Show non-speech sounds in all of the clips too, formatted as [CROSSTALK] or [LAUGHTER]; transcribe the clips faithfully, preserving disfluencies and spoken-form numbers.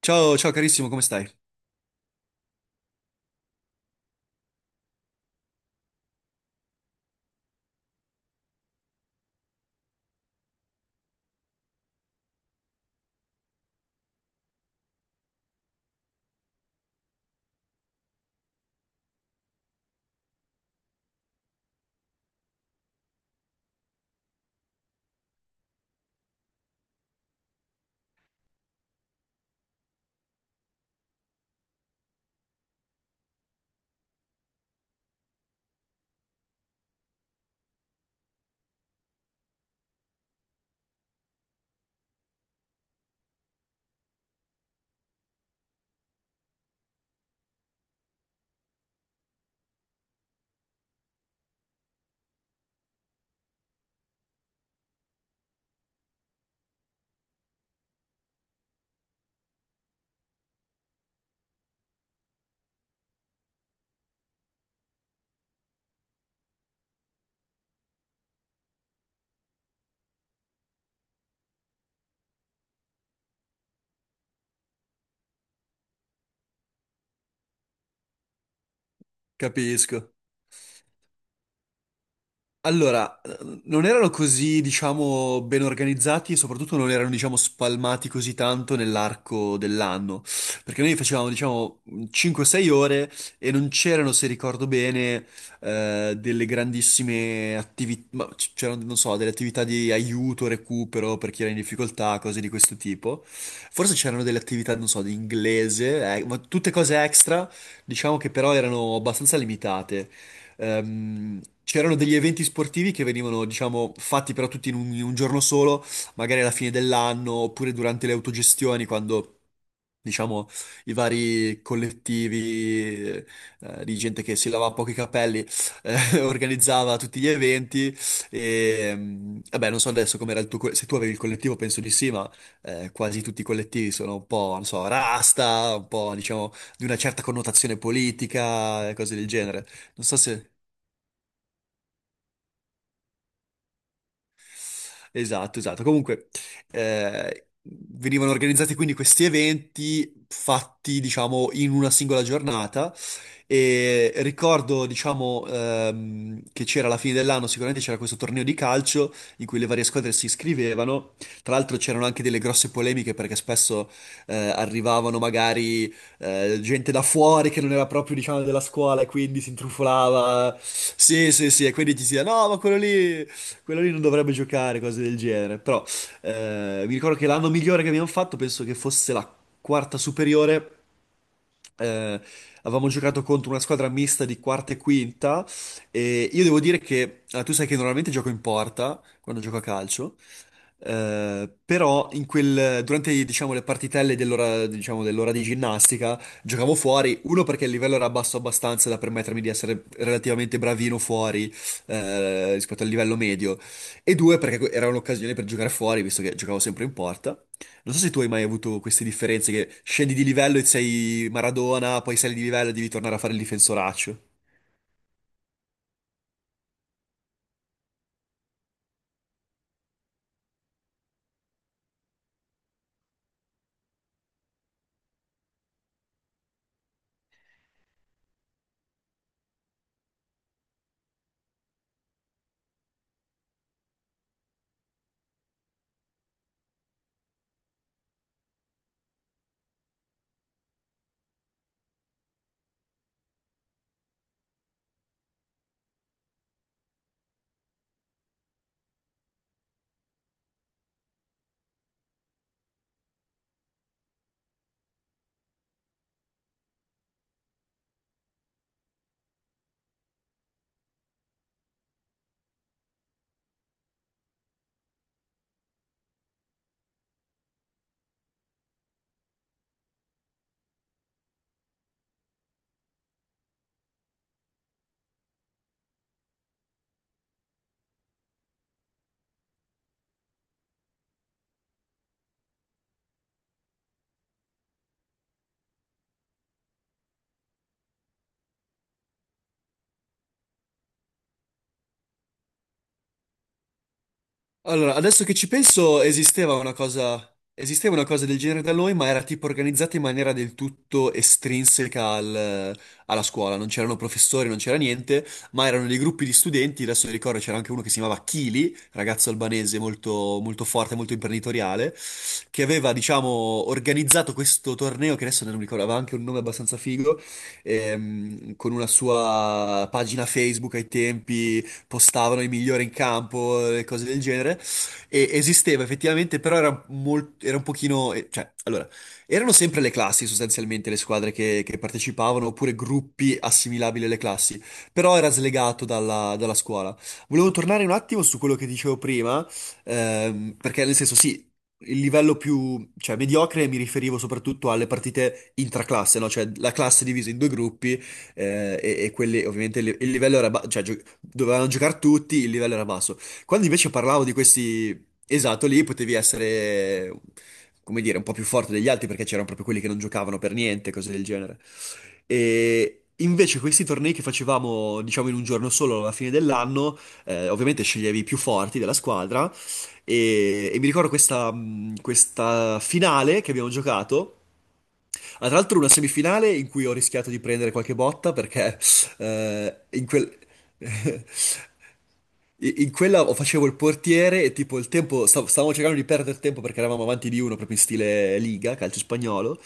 Ciao, ciao carissimo, come stai? Capisco. Allora, eh, non erano così, diciamo, ben organizzati e soprattutto non erano, diciamo, spalmati così tanto nell'arco dell'anno, perché noi facevamo, diciamo, cinque o sei ore e non c'erano, se ricordo bene, eh, delle grandissime attività, c'erano, non so, delle attività di aiuto, recupero per chi era in difficoltà, cose di questo tipo. Forse c'erano delle attività, non so, di inglese, eh, ma tutte cose extra, diciamo che però erano abbastanza limitate. Ehm, c'erano degli eventi sportivi che venivano, diciamo, fatti però tutti in un, in un giorno solo, magari alla fine dell'anno oppure durante le autogestioni, quando, diciamo, i vari collettivi eh, di gente che si lavava poco i capelli eh, [LAUGHS] organizzava tutti gli eventi. E, mm, vabbè, non so adesso com'era il tuo, co- se tu avevi il collettivo, penso di sì, ma eh, quasi tutti i collettivi sono un po', non so, rasta, un po', diciamo, di una certa connotazione politica e cose del genere. Non so se... Esatto, esatto. Comunque, eh, venivano organizzati quindi questi eventi fatti, diciamo, in una singola giornata e ricordo, diciamo, ehm, che c'era alla fine dell'anno, sicuramente c'era questo torneo di calcio in cui le varie squadre si iscrivevano. Tra l'altro c'erano anche delle grosse polemiche perché spesso eh, arrivavano magari eh, gente da fuori che non era proprio, diciamo, della scuola e quindi si intrufolava. Sì, sì, sì, e quindi ti si diceva, no, ma quello lì... Quello lì non dovrebbe giocare, cose del genere. Però eh, mi ricordo che l'anno migliore che abbiamo fatto, penso che fosse la quarta superiore. eh, Avevamo giocato contro una squadra mista di quarta e quinta. E io devo dire che ah, tu sai che normalmente gioco in porta quando gioco a calcio. Eh, però in quel- durante diciamo, le partitelle dell'ora diciamo, dell'ora di ginnastica giocavo fuori, uno perché il livello era basso abbastanza da permettermi di essere relativamente bravino fuori eh, rispetto al livello medio, e due perché que- era un'occasione per giocare fuori visto che giocavo sempre in porta. Non so se tu hai mai avuto queste differenze che scendi di livello e sei Maradona, poi sali di livello e devi tornare a fare il difensoraccio. Allora, adesso che ci penso, esisteva una cosa, esisteva una cosa del genere da noi, ma era tipo organizzata in maniera del tutto estrinseca al- alla scuola. Non c'erano professori, non c'era niente, ma erano dei gruppi di studenti. Adesso mi ricordo c'era anche uno che si chiamava Kili, ragazzo albanese molto, molto forte, molto imprenditoriale, che aveva, diciamo, organizzato questo torneo, che adesso non mi ricordo, aveva anche un nome abbastanza figo, ehm, con una sua pagina Facebook ai tempi postavano i migliori in campo, e cose del genere. E esisteva effettivamente, però era, mol- era un pochino... eh, Cioè, allora, erano sempre le classi sostanzialmente le squadre che, che partecipavano, oppure gruppi assimilabili alle classi, però era slegato dalla, dalla scuola. Volevo tornare un attimo su quello che dicevo prima, ehm, perché nel senso sì, il livello più, cioè, mediocre mi riferivo soprattutto alle partite intraclasse, no? Cioè la classe divisa in due gruppi eh, e, e quelli, ovviamente, il il livello era, ba- cioè, gio- dovevano giocare tutti, il livello era basso. Quando invece parlavo di questi esatto lì, potevi essere, come dire, un po' più forte degli altri perché c'erano proprio quelli che non giocavano per niente, cose del genere. E invece questi tornei che facevamo, diciamo, in un giorno solo alla fine dell'anno, eh, ovviamente sceglievi i più forti della squadra e, e mi ricordo questa, mh, questa finale che abbiamo giocato. Ah, tra l'altro una semifinale in cui ho rischiato di prendere qualche botta perché eh, in quel... [LAUGHS] In in quella o facevo il portiere e tipo il tempo, stav- stavamo cercando di perdere tempo perché eravamo avanti di uno proprio in stile Liga, calcio spagnolo,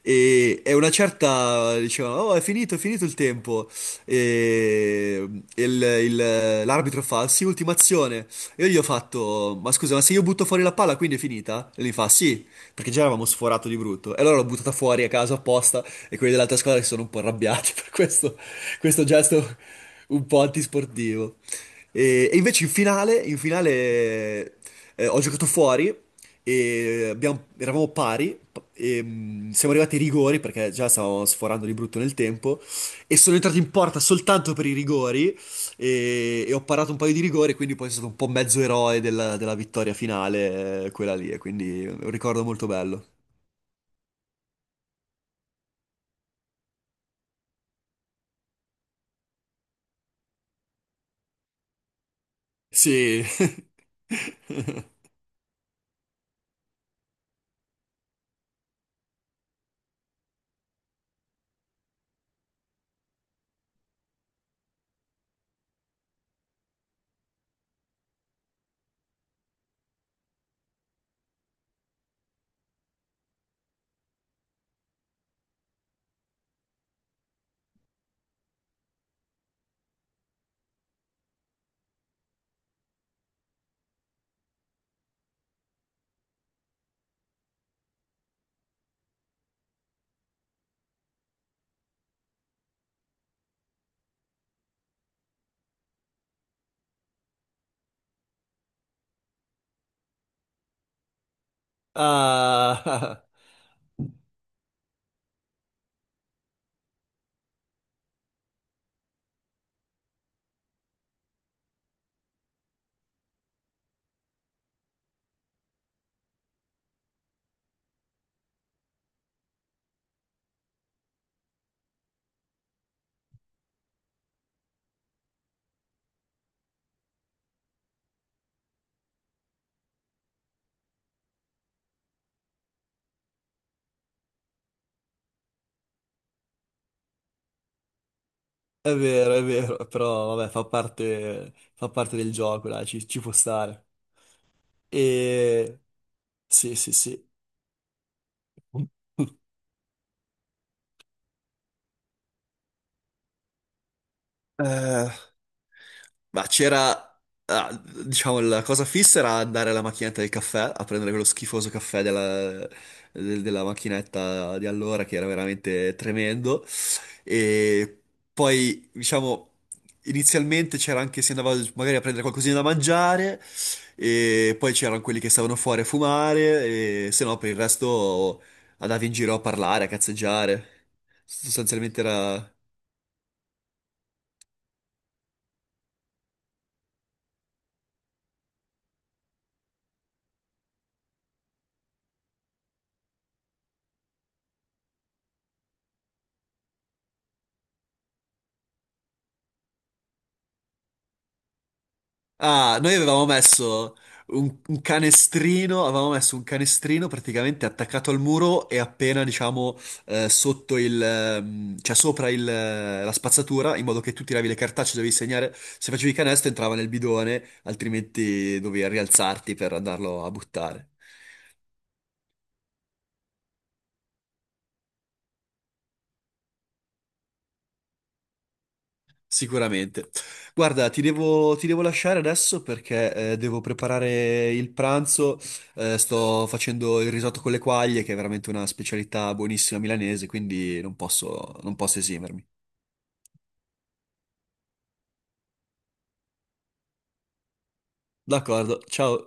e, e una certa diceva, oh è finito, è finito il tempo, e il- il- l'arbitro fa, sì, ultima azione, e io gli ho fatto, ma scusa, ma se io butto fuori la palla quindi è finita? E lui fa, sì, perché già eravamo sforato di brutto. E allora l'ho buttata fuori a caso apposta e quelli dell'altra squadra si sono un po' arrabbiati [LAUGHS] per questo, questo gesto un po' antisportivo. E, e invece in finale, in finale eh, ho giocato fuori e abbiamo- eravamo pari p- e mm, siamo arrivati ai rigori perché già stavamo sforando di brutto nel tempo e sono entrato in porta soltanto per i rigori e, e ho parato un paio di rigore, quindi poi sono stato un po' mezzo eroe della, della vittoria finale, eh, quella lì, e quindi è un ricordo molto bello. Sì. [LAUGHS] Ah, [LAUGHS] è vero, è vero, però vabbè, fa parte, fa parte del gioco, dai, ci, ci può stare. E... Sì, sì, sì. [LAUGHS] Eh, ma c'era, ah, diciamo, la cosa fissa era andare alla macchinetta del caffè, a prendere quello schifoso caffè della, del- della macchinetta di allora, che era veramente tremendo. E poi, diciamo, inizialmente c'era anche, si andava magari a prendere qualcosina da mangiare, e poi c'erano quelli che stavano fuori a fumare, e se no per il resto andavi in giro a parlare, a cazzeggiare. Sostanzialmente era... Ah, noi avevamo messo un, un canestrino, avevamo messo un canestrino praticamente attaccato al muro e appena, diciamo, eh, sotto il, ehm, cioè sopra il, eh, la spazzatura, in modo che tu tiravi le cartacce, dovevi segnare, se facevi canestro entrava nel bidone, altrimenti dovevi rialzarti per andarlo a buttare. Sicuramente. Guarda, ti devo, ti devo lasciare adesso perché eh, devo preparare il pranzo. Eh, sto facendo il risotto con le quaglie, che è veramente una specialità buonissima milanese, quindi non posso non posso esimermi. D'accordo, ciao.